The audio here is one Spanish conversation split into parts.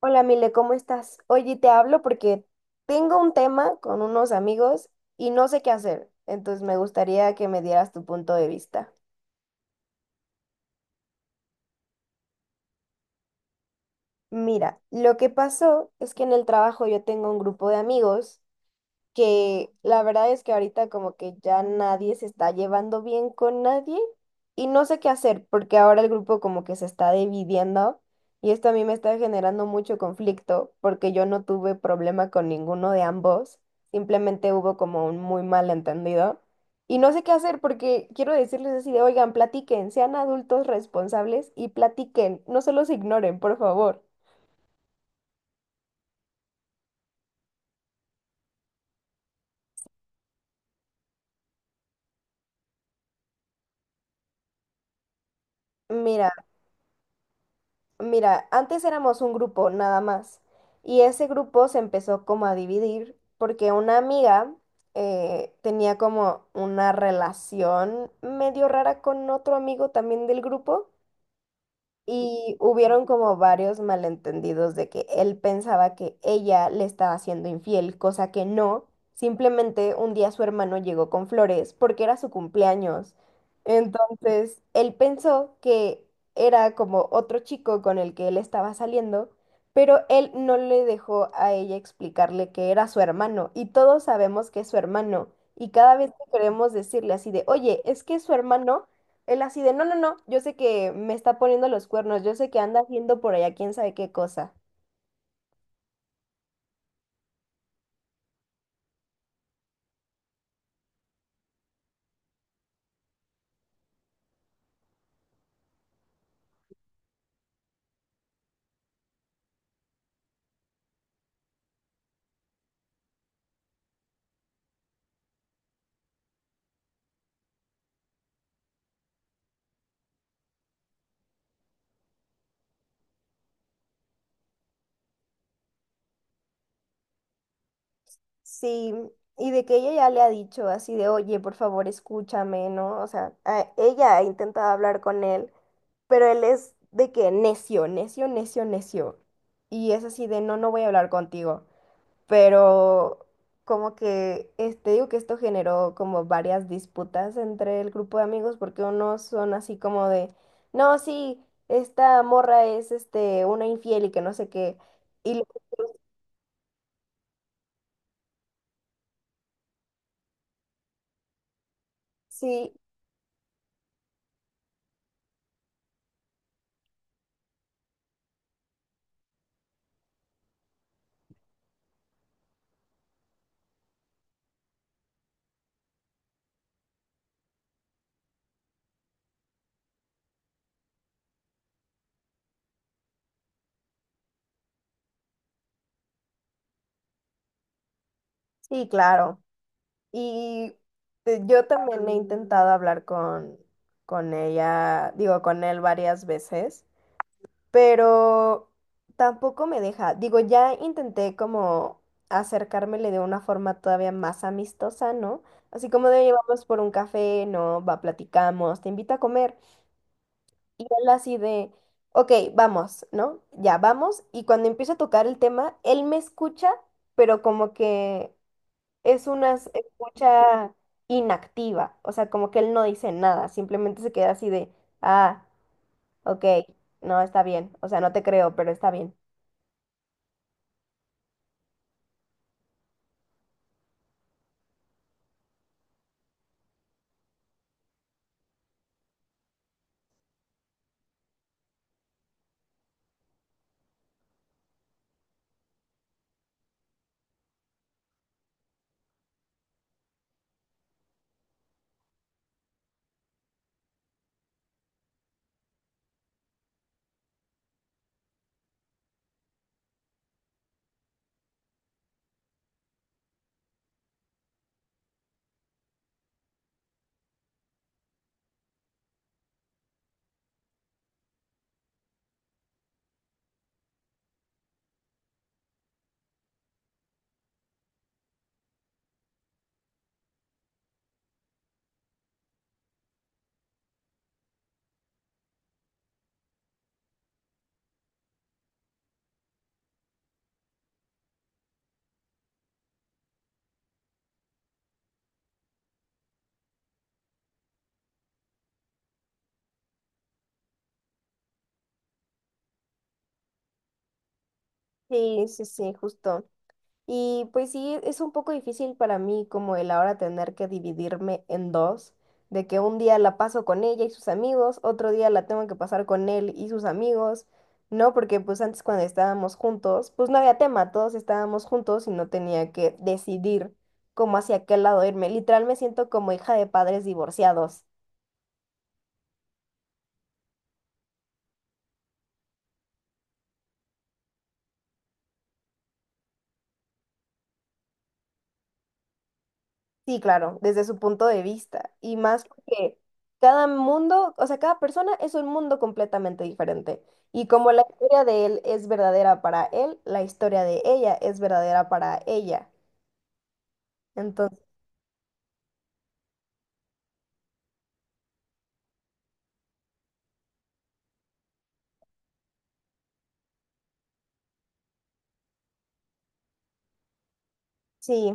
Hola, Mile, ¿cómo estás? Oye, te hablo porque tengo un tema con unos amigos y no sé qué hacer, entonces me gustaría que me dieras tu punto de vista. Mira, lo que pasó es que en el trabajo yo tengo un grupo de amigos que la verdad es que ahorita como que ya nadie se está llevando bien con nadie y no sé qué hacer porque ahora el grupo como que se está dividiendo y esto a mí me está generando mucho conflicto porque yo no tuve problema con ninguno de ambos, simplemente hubo como un muy mal entendido y no sé qué hacer porque quiero decirles así de, oigan, platiquen, sean adultos responsables y platiquen, no se los ignoren, por favor. Mira. Mira, antes éramos un grupo nada más y ese grupo se empezó como a dividir porque una amiga tenía como una relación medio rara con otro amigo también del grupo y hubieron como varios malentendidos de que él pensaba que ella le estaba siendo infiel, cosa que no. Simplemente un día su hermano llegó con flores porque era su cumpleaños. Entonces, él pensó que era como otro chico con el que él estaba saliendo, pero él no le dejó a ella explicarle que era su hermano. Y todos sabemos que es su hermano. Y cada vez que queremos decirle así de, oye, es que es su hermano, él así de, no, no, no, yo sé que me está poniendo los cuernos, yo sé que anda haciendo por allá quién sabe qué cosa. Sí, y de que ella ya le ha dicho así de, oye, por favor, escúchame, ¿no? O sea, ella ha intentado hablar con él, pero él es de que necio, necio, necio, necio. Y es así de, no, no voy a hablar contigo. Pero como que este digo que esto generó como varias disputas entre el grupo de amigos porque unos son así como de, no, sí, esta morra es una infiel y que no sé qué. Y los otros, sí, sí, claro. Y yo también he intentado hablar con ella, digo, con él varias veces. Pero tampoco me deja. Digo, ya intenté como acercármele de una forma todavía más amistosa, ¿no? Así como de llevamos por un café, ¿no? Va, platicamos, te invito a comer. Y él así de, ok, vamos, ¿no? Ya vamos. Y cuando empiezo a tocar el tema, él me escucha, pero como que es una escucha inactiva. O sea, como que él no dice nada, simplemente se queda así de, ah, ok, no, está bien. O sea, no te creo, pero está bien. Sí, sí, sí, justo. Y pues sí, es un poco difícil para mí como el ahora tener que dividirme en dos, de que un día la paso con ella y sus amigos, otro día la tengo que pasar con él y sus amigos, ¿no? Porque pues antes cuando estábamos juntos, pues no había tema, todos estábamos juntos y no tenía que decidir cómo hacia qué lado irme. Literal me siento como hija de padres divorciados. Sí, claro, desde su punto de vista. Y más porque cada mundo, o sea, cada persona es un mundo completamente diferente. Y como la historia de él es verdadera para él, la historia de ella es verdadera para ella. Entonces, sí,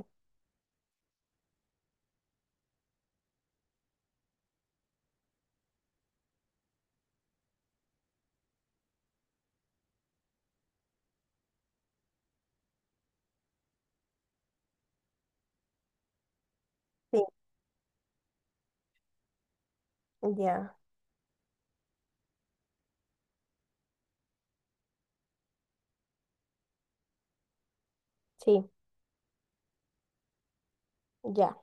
sí, ya, sí, ya.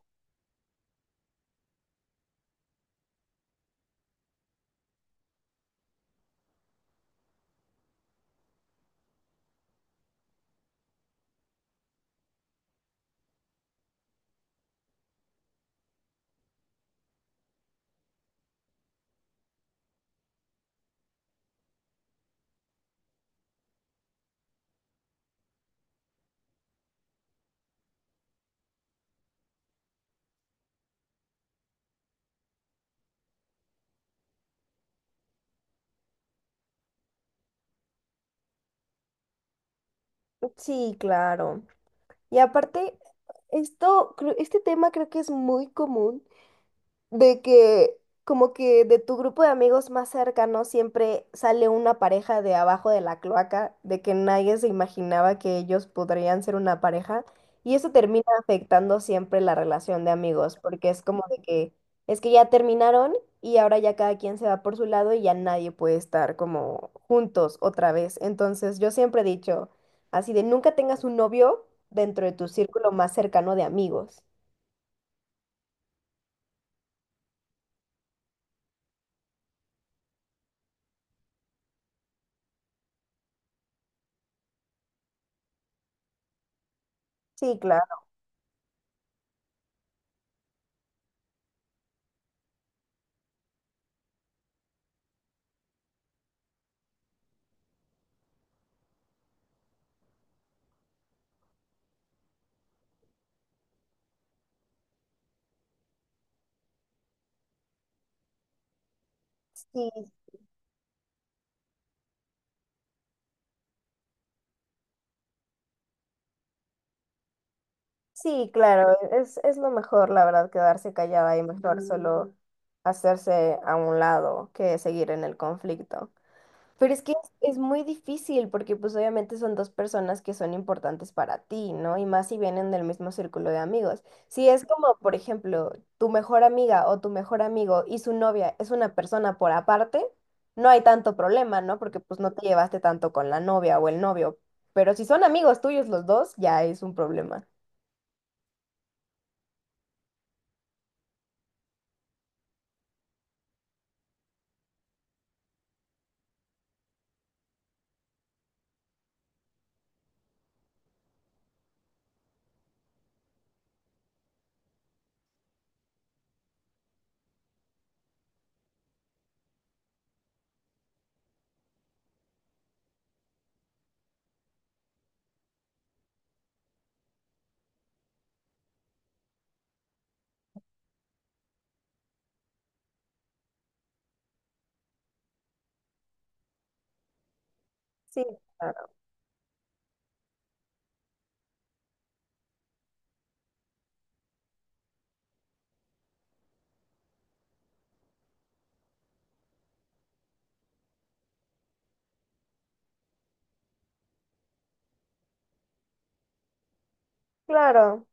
Sí, claro. Y aparte, este tema creo que es muy común de que como que de tu grupo de amigos más cercano siempre sale una pareja de abajo de la cloaca, de que nadie se imaginaba que ellos podrían ser una pareja, y eso termina afectando siempre la relación de amigos, porque es como de que es que ya terminaron y ahora ya cada quien se va por su lado y ya nadie puede estar como juntos otra vez. Entonces, yo siempre he dicho así de nunca tengas un novio dentro de tu círculo más cercano de amigos. Sí, claro. Sí, sí, claro, es lo mejor, la verdad, quedarse callada y mejor solo hacerse a un lado que seguir en el conflicto. Pero es muy difícil porque pues obviamente son dos personas que son importantes para ti, ¿no? Y más si vienen del mismo círculo de amigos. Si es como, por ejemplo, tu mejor amiga o tu mejor amigo y su novia es una persona por aparte, no hay tanto problema, ¿no? Porque pues no te llevaste tanto con la novia o el novio. Pero si son amigos tuyos los dos, ya es un problema. Sí, claro,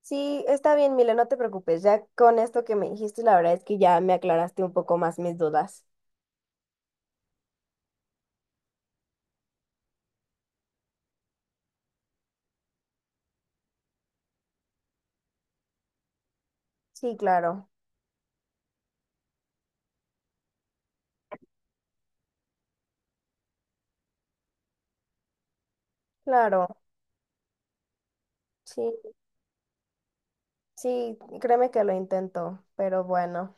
sí, está bien, Mile, no te preocupes. Ya con esto que me dijiste, la verdad es que ya me aclaraste un poco más mis dudas. Sí, claro, claro. Sí, sí, créeme que lo intento, pero bueno,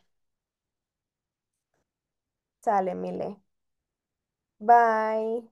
sale, Mile. Bye.